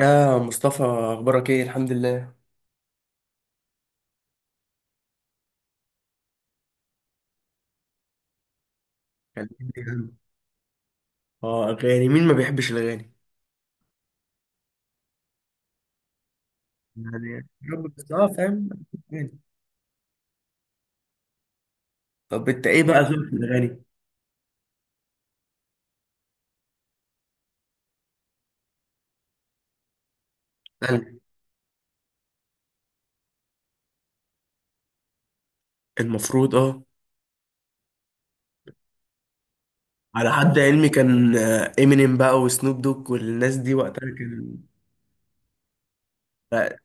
يا مصطفى، اخبارك ايه؟ الحمد لله. يعني إيه يا عم؟ اه، اغاني. مين ما بيحبش الاغاني؟ يعني يا رب. بس فاهم يعني. طب انت ايه بقى ذوقك في الاغاني؟ أنا المفروض على حد علمي كان امينيم بقى وسنوب دوج والناس دي وقتها كان بقى.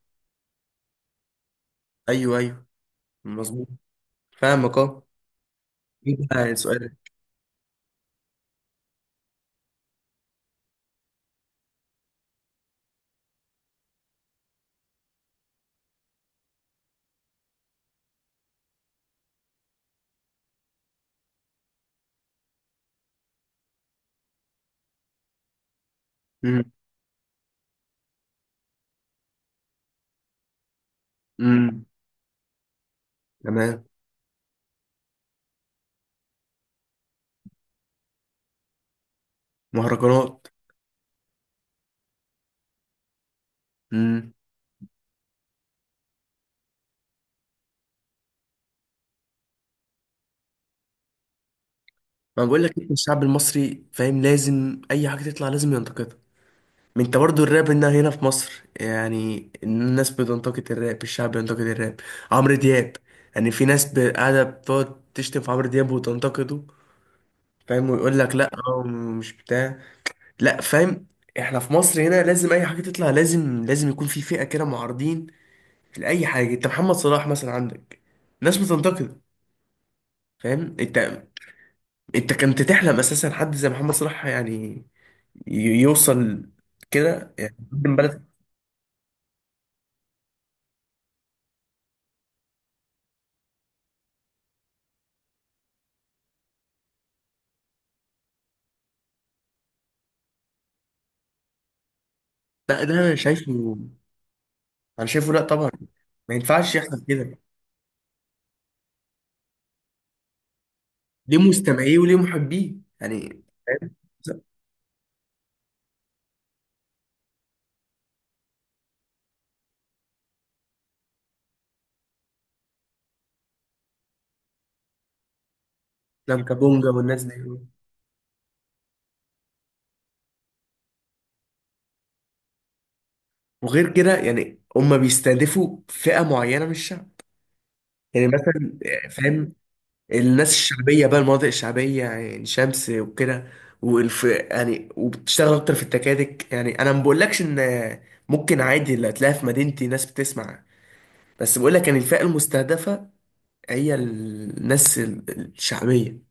ايوه ايوه، مظبوط. فاهمك، اه. ايه بقى سؤالك؟ امم. امم. تمام. مهرجانات. امم. ما بقول لك، إنت الشعب المصري فاهم، لازم اي حاجه تطلع لازم ينتقدها. ما انت برضو الراب هنا في مصر، يعني الناس بتنتقد الراب، الشعب بينتقد الراب. عمرو دياب، يعني في ناس قاعدة بتقعد تشتم في عمرو دياب وتنتقده. فاهم، ويقول لك لا هو مش بتاع. لا، فاهم. احنا في مصر هنا، لازم اي حاجة تطلع لازم يكون في فئة كده معارضين لأي حاجة. انت محمد صلاح مثلا، عندك ناس بتنتقد. فاهم انت؟ انت كنت تحلم اساسا حد زي محمد صلاح يعني يوصل كده، يعني يقدم بلد. لا ده انا شايفه. انا شايفه، لا طبعا. ما ينفعش يحصل كده. ليه مستمعيه وليه محبيه. يعني، فاهم. لانكا بونجا والناس دي. وغير كده يعني هم بيستهدفوا فئة معينة من الشعب. يعني مثلا. فاهم. الناس الشعبية بقى، المناطق الشعبية يعني شمس وكده، والف يعني، وبتشتغل اكتر في التكاتك. يعني انا ما بقولكش ان ممكن عادي اللي هتلاقيها في مدينتي ناس بتسمع، بس بقولك يعني الفئة المستهدفة هي الناس الشعبية.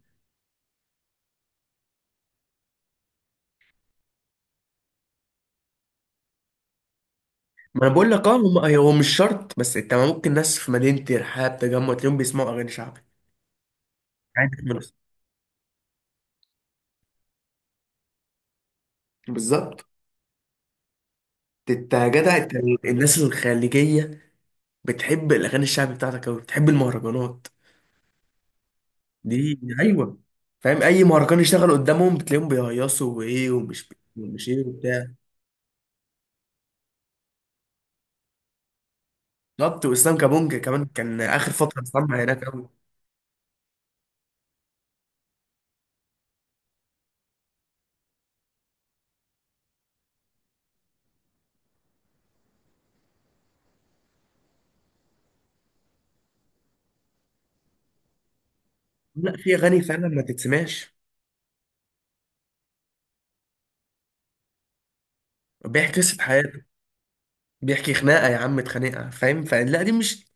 ما انا بقول لك، اه، هم هو مش شرط، بس انت ممكن ناس في مدينه الرحاب تجمع تلاقيهم بيسمعوا اغاني شعبي عادي من أصل. بالظبط. انت يا جدع انت. الناس الخليجيه بتحب الاغاني الشعبي بتاعتك قوي، بتحب المهرجانات دي، ايوه. فاهم؟ اي مهرجان يشتغل قدامهم بتلاقيهم بيهيصوا وايه ومش ومش ايه وبتاع. بالظبط. واسلام كابونجا كمان كان اخر فتره مسمع هناك قوي. لا، في اغاني فعلا ما تتسمعش. بيحكي قصه حياته. بيحكي خناقه يا عم، اتخانقها، فاهم؟ فلا دي مش،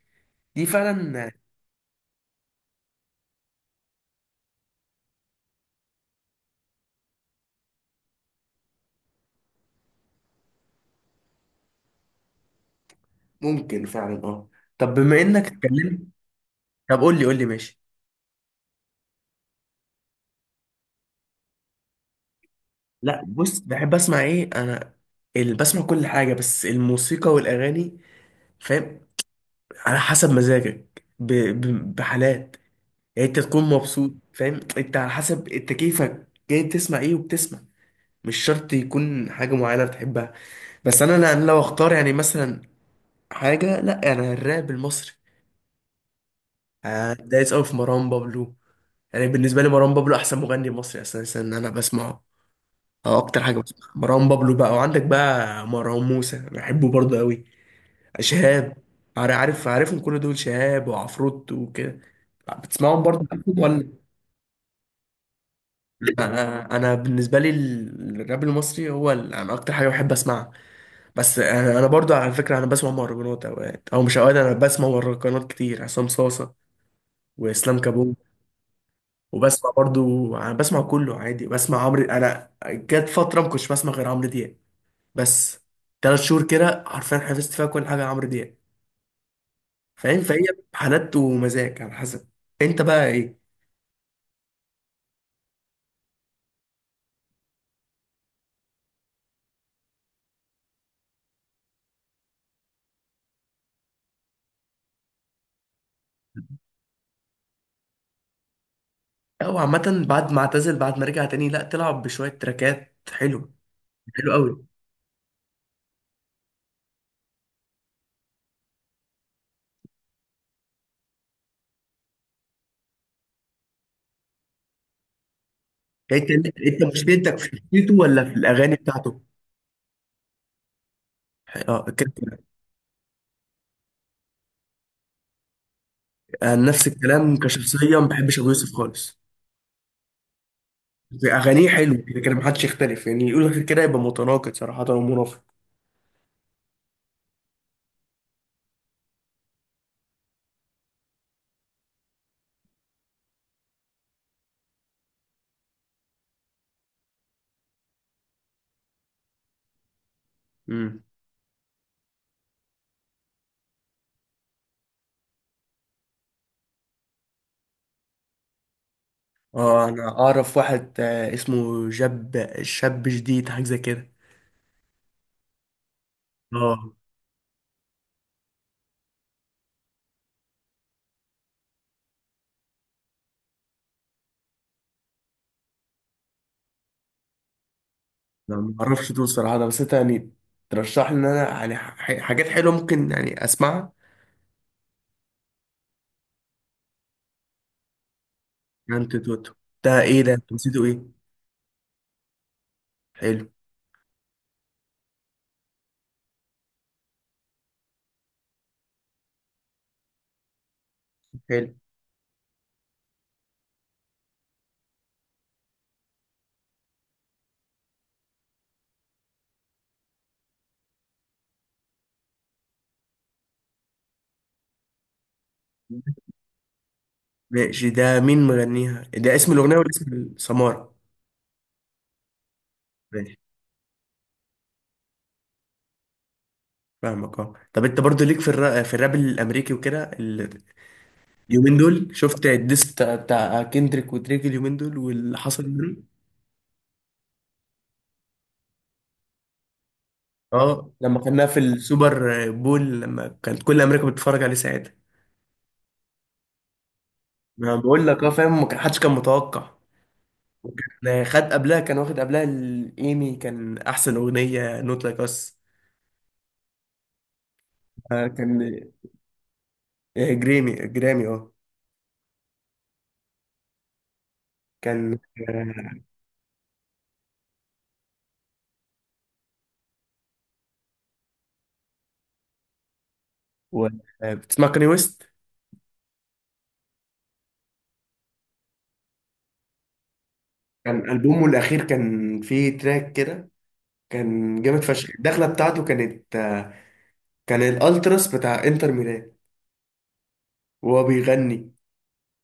دي فعلا ممكن فعلا، اه. طب بما انك اتكلمت، طب قول لي قول لي ماشي. لا، بص، بحب اسمع ايه انا؟ بسمع كل حاجه، بس الموسيقى والاغاني، فاهم؟ على حسب مزاجك، بحالات، يعني انت تكون مبسوط، فاهم؟ انت على حسب انت كيفك جاي تسمع ايه وبتسمع. مش شرط يكون حاجه معينه بتحبها. بس انا أنا لو اختار يعني مثلا حاجه، لا انا الراب المصري. دايس قوي في مروان بابلو. يعني بالنسبه لي مروان بابلو احسن مغني مصري، اساسا انا بسمعه. اه اكتر حاجه بسمعها مروان بابلو بقى، وعندك بقى مروان موسى بحبه برضه قوي. شهاب. عارف عارفهم كل دول، شهاب وعفروت وكده. بتسمعهم برضه ولا؟ أنا بالنسبه لي الراب المصري هو انا اكتر حاجه بحب اسمعها. بس انا برضه على فكره، انا بسمع مهرجانات اوقات، او مش اوقات، انا بسمع مهرجانات كتير، عصام صاصه واسلام كابونج. وبسمع برضه. انا بسمع كله عادي، بسمع عمرو. انا جت فتره ما كنتش بسمع غير عمرو دياب بس. 3 شهور كده حرفيا حفظت فيها كل حاجه عمرو دياب، فاهم؟ فهي حالات ومزاج على حسب. انت بقى ايه؟ او عامه بعد ما اعتزل، بعد ما رجع تاني، لا تلعب بشويه تراكات حلو. حلو قوي. انت انت مشكلتك في شخصيته ولا في الاغاني بتاعته؟ اه، كده كده. نفس الكلام، كشخصيه ما بحبش ابو يوسف خالص. في اغانيه حلوه كده كده، ما حدش يختلف يعني، يقول غير كده يبقى متناقض صراحه ومنافق. امم. اه انا اعرف واحد اسمه جاب شاب جديد، حاجه زي كده. اه، انا ما اعرفش دول صراحه ده، بس انت يعني ترشح لي ان انا يعني حاجات حلوه ممكن يعني اسمعها. يعني انت توتو؟ ده ايه ده؟ انت نسيته ايه؟ حلو. حلو. ماشي، ده مين مغنيها؟ ده اسم الاغنيه ولا اسم السماره؟ ماشي. فاهمك، اه. طب انت برضو ليك في الراب، في الراب الامريكي وكده اليومين دول شفت الديس بتاع كيندريك ودريك اليومين دول واللي حصل منه. اه، لما كنا في السوبر بول، لما كانت كل امريكا بتتفرج عليه ساعتها. ما بقول لك، اه، فاهم. ما كان- حدش كان متوقع. وكان خد قبلها، كان واخد قبلها الايمي، كان احسن اغنيه نوت لايك اس. كان جرامي، اه. كان. آه، و- بتسمع كاني ويست؟ كان البومه الاخير كان فيه تراك كده، كان جامد فشخ. الدخله بتاعته كانت كان الالتراس بتاع انتر ميلان وهو بيغني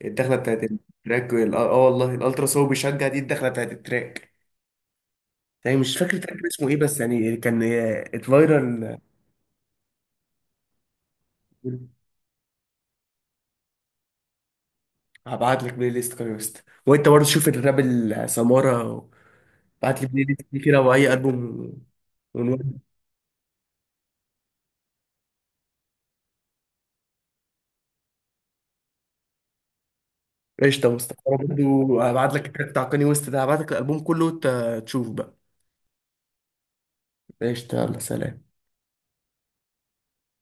الدخله بتاعت التراك والله الالتراس هو بيشجع دي الدخله بتاعت التراك. يعني مش فاكر التراك كان اسمه ايه، بس يعني كان اتفايرال. هبعت لك بلاي ليست كاني ويست، وانت برضه شوف الراب السمارة. بعت لي بلاي ليست دي كده واي البوم ونود. قشطة مصطفى. أنا برضه هبعت لك التراك بتاع كاني ويست ده، هبعت لك الالبوم كله وانت تشوف بقى. قشطة، يلا سلام.